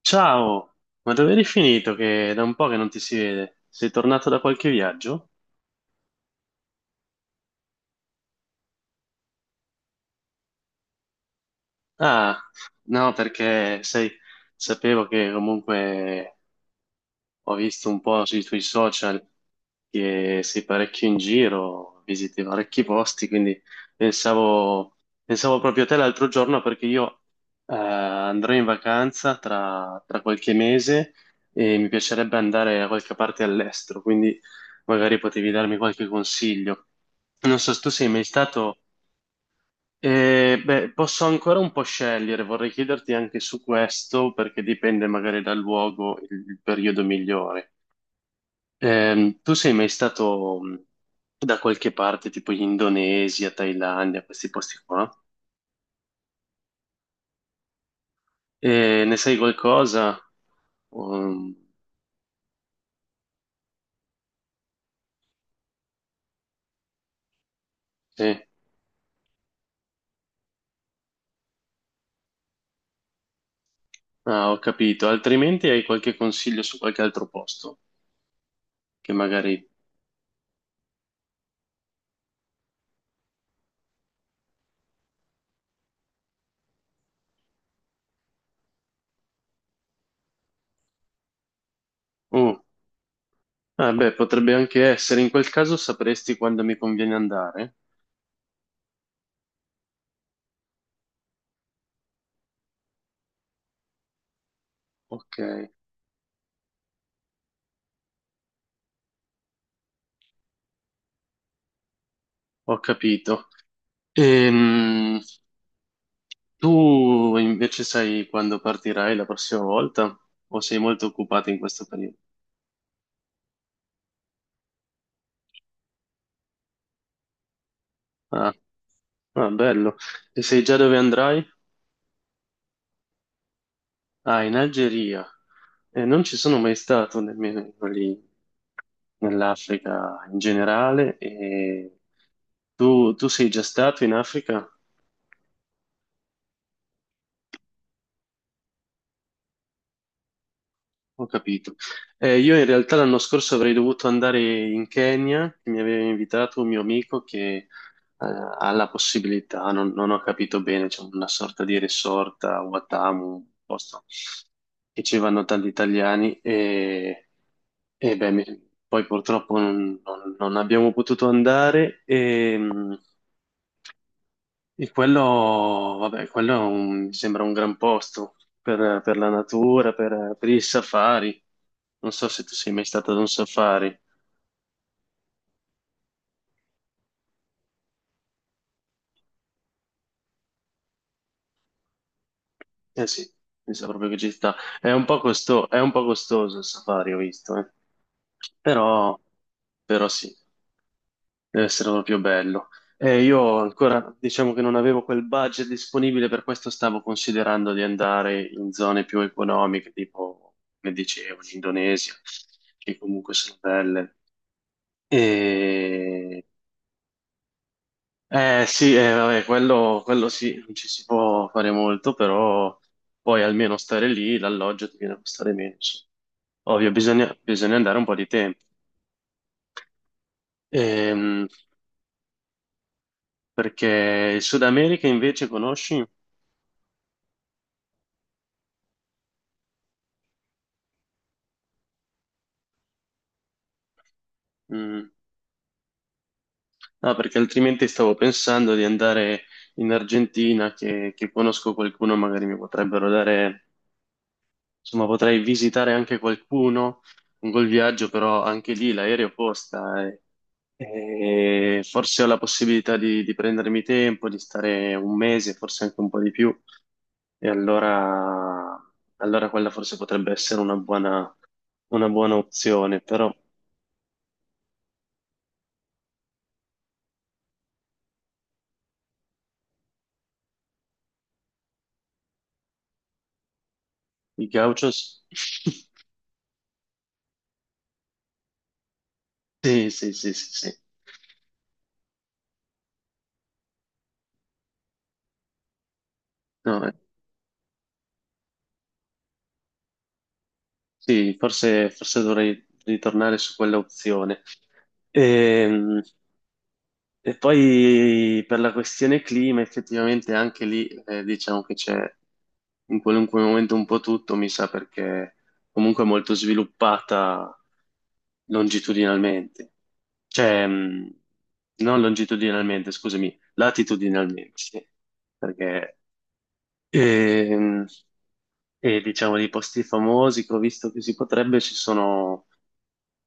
Ciao, ma dove eri finito? Che è da un po' che non ti si vede. Sei tornato da qualche viaggio? Ah, no, perché sai, sapevo che comunque ho visto un po' sui tuoi social che sei parecchio in giro, visiti parecchi posti, quindi pensavo, pensavo proprio a te l'altro giorno perché io andrò in vacanza tra qualche mese e mi piacerebbe andare a qualche parte all'estero, quindi magari potevi darmi qualche consiglio. Non so se tu sei mai stato... beh, posso ancora un po' scegliere, vorrei chiederti anche su questo perché dipende magari dal luogo il periodo migliore. Tu sei mai stato da qualche parte, tipo in Indonesia, Thailandia, questi posti qua? E ne sai qualcosa? Um, sì. Ah, ho capito. Altrimenti hai qualche consiglio su qualche altro posto che magari... Uh, ah, beh, potrebbe anche essere. In quel caso sapresti quando mi conviene andare? Ok, ho capito. Ehm, Tu invece sai quando partirai la prossima volta? O sei molto occupato in questo periodo? Ah. Ah, bello. E sai già dove andrai? Ah, in Algeria. Non ci sono mai stato nemmeno lì, nell'Africa in generale. E tu sei già stato in Africa? Ho capito. Io in realtà l'anno scorso avrei dovuto andare in Kenya, mi aveva invitato un mio amico che eh, ha la possibilità, non ho capito bene, c'è una sorta di resort a Watamu, un posto che ci vanno tanti italiani. E beh, poi purtroppo non abbiamo potuto andare e, e quello, vabbè, quello è mi sembra un gran posto per la natura, per i safari. Non so se tu sei mai stato ad un safari. Eh sì, mi sa proprio che ci sta. È un po' è un po' costoso il safari, ho visto, eh. Però, però sì. Deve essere proprio bello. Io ancora, diciamo che non avevo quel budget disponibile, per questo stavo considerando di andare in zone più economiche, tipo, come dicevo, l'Indonesia, che comunque sono belle. E... Eh sì, vabbè, quello sì, non ci si può fare molto, però poi almeno stare lì, l'alloggio ti viene a costare meno. Insomma. Ovvio, bisogna andare un po' di tempo. Ehm, Perché il Sud America invece conosci? Mm. No, perché altrimenti stavo pensando di andare in Argentina, che conosco qualcuno, magari mi potrebbero dare, insomma, potrei visitare anche qualcuno con quel viaggio, però anche lì l'aereo costa e forse ho la possibilità di prendermi tempo, di stare un mese, forse anche un po' di più, e allora, allora quella forse potrebbe essere una buona opzione, però i gauchos... Sì, sì, sì, sì, sì. No, eh. Sì, forse, forse dovrei ritornare su quella opzione. Ehm, E poi per la questione clima, effettivamente anche lì diciamo che c'è in qualunque momento un po' tutto, mi sa, perché comunque è molto sviluppata longitudinalmente. Cioè, non longitudinalmente, scusami, latitudinalmente, sì, perché... Ehm, e diciamo di posti famosi che ho visto che si potrebbe, ci sono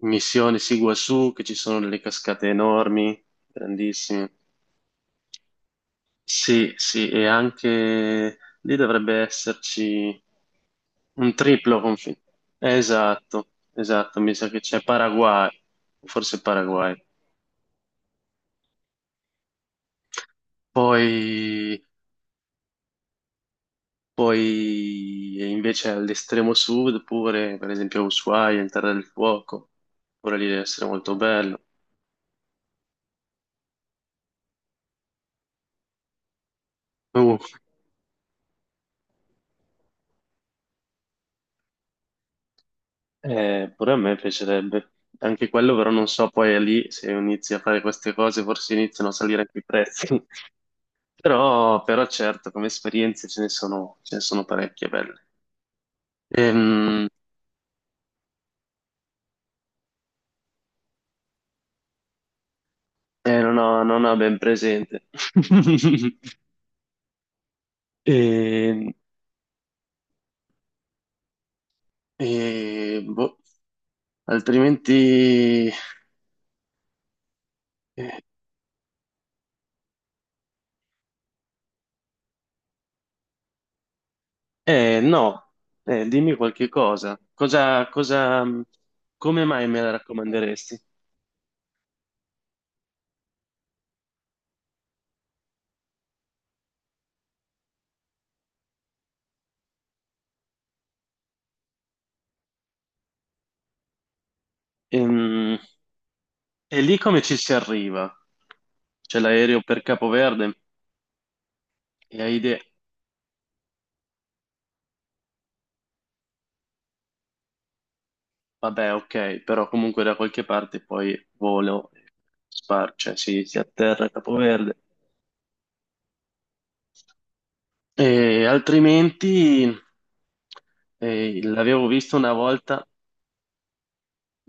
Missione Siguasù, che ci sono delle cascate enormi, grandissime. Sì, sì, e anche lì dovrebbe esserci un triplo confine. Esatto, esatto, mi sa che c'è Paraguay, forse Paraguay. Poi, poi invece all'estremo sud, pure per esempio Ushuaia, in Terra del Fuoco, pure lì deve essere molto bello. Uh, pure a me piacerebbe. Anche quello, però non so poi è lì se inizi a fare queste cose, forse iniziano a salire anche i prezzi. Però, però certo, come esperienze ce ne sono parecchie belle. Ehm, eh, non ho, non ho ben presente. E, e, boh, altrimenti, eh, no, eh, dimmi qualche cosa. Cosa, cosa, come mai me la raccomanderesti? Ehm, E lì come ci si arriva? C'è l'aereo per Capoverde e hai idea, vabbè, ok, però comunque da qualche parte poi volo, spar, cioè si atterra a Capoverde. E altrimenti l'avevo visto una volta.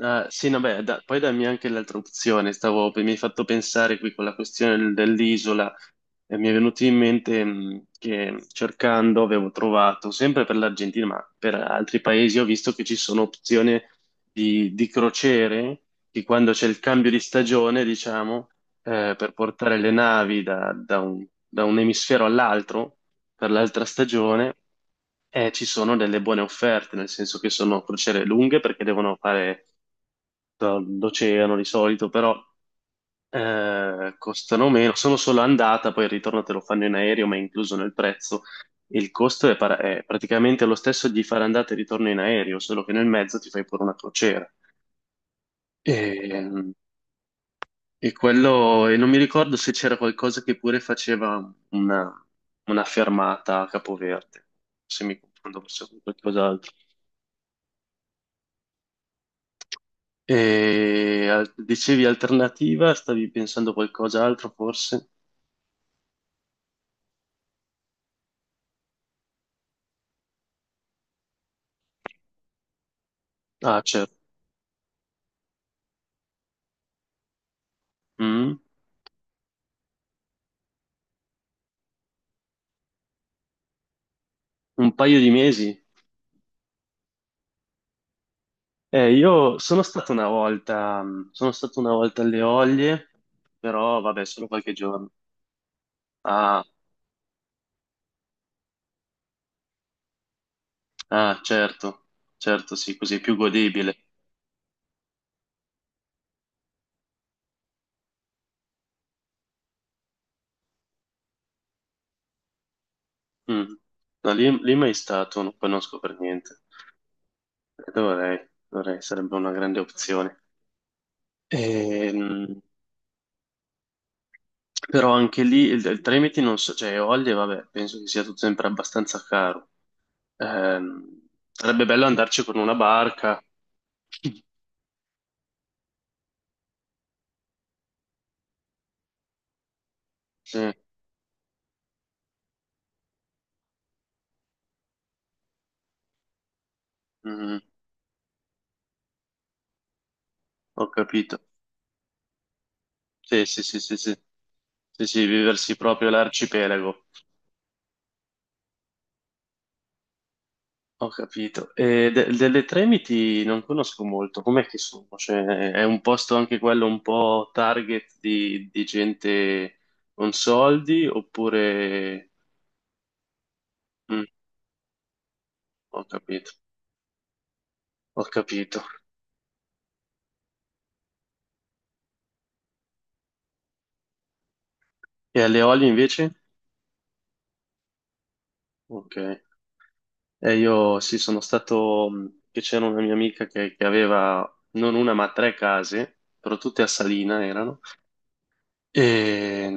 Ah, sì, no, beh, poi dammi anche l'altra opzione. Stavo, mi hai fatto pensare qui con la questione dell'isola. E mi è venuto in mente che cercando avevo trovato, sempre per l'Argentina, ma per altri paesi, ho visto che ci sono opzioni di crociere che quando c'è il cambio di stagione, diciamo, per portare le navi da da un emisfero all'altro, per l'altra stagione, ci sono delle buone offerte, nel senso che sono crociere lunghe perché devono fare l'oceano di solito, però costano meno. Sono solo andata, poi il ritorno te lo fanno in aereo, ma è incluso nel prezzo. Il costo è, è praticamente lo stesso di fare andata e ritorno in aereo, solo che nel mezzo ti fai pure una crociera. E, e quello, e non mi ricordo se c'era qualcosa che pure faceva una fermata a Capoverde, se mi confondo forse con qualcos'altro. E dicevi alternativa, stavi pensando a qualcos'altro forse? Ah, certo. Mm, un paio di mesi. Io sono stato una volta, sono stato una volta alle Olie, però vabbè, solo qualche giorno. Ah, ah, certo, certo, sì, così è più godibile. Mm. No, lì, lì mai stato, non conosco per niente. Dovrei, dovrei, sarebbe una grande opzione. Ehm, Però anche lì il Tremiti non so, cioè Olie, vabbè, penso che sia tutto sempre abbastanza caro. Ehm, Sarebbe bello andarci con una barca. Sì. Mm, ho capito. Sì, sì, sì, sì, sì. Sì, sì, viversi proprio l'arcipelago. Ho capito. E delle Tremiti non conosco molto. Com'è che sono? Cioè, è un posto anche quello un po' target di gente con soldi oppure... Mm, ho capito, ho capito. E alle Olie invece? Ok. E io sì, sono stato, che c'era una mia amica che aveva non una ma tre case, però tutte a Salina erano. E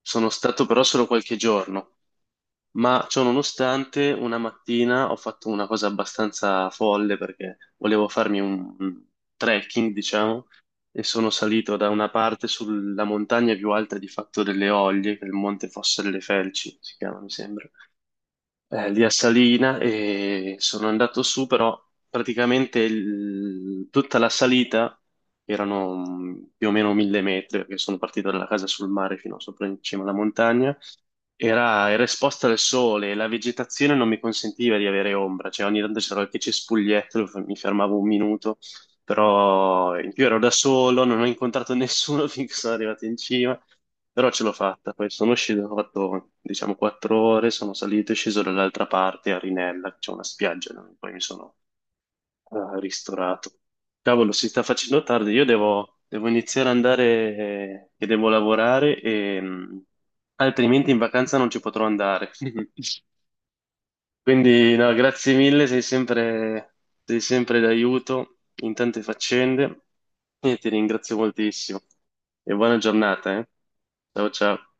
sono stato però solo qualche giorno, ma ciononostante una mattina ho fatto una cosa abbastanza folle perché volevo farmi un trekking, diciamo, e sono salito da una parte sulla montagna più alta di Fatto delle Oglie, che è il Monte Fosse delle Felci, si chiama, mi sembra lì a Salina e sono andato su, però praticamente tutta la salita erano più o meno 1000 metri, perché sono partito dalla casa sul mare fino a sopra in cima alla montagna era, era esposta al sole e la vegetazione non mi consentiva di avere ombra, cioè ogni tanto c'era qualche cespuglietto, mi fermavo un minuto, però in più ero da solo, non ho incontrato nessuno finché sono arrivato in cima, però ce l'ho fatta, poi sono sceso, ho fatto diciamo 4 ore, sono salito e sceso dall'altra parte a Rinella, c'è una spiaggia, no? Poi mi sono ah, ristorato. Cavolo, si sta facendo tardi. Io devo iniziare ad andare che devo lavorare e altrimenti in vacanza non ci potrò andare. Quindi, no, grazie mille, sei sempre d'aiuto in tante faccende e ti ringrazio moltissimo. E buona giornata, eh. Ciao ciao.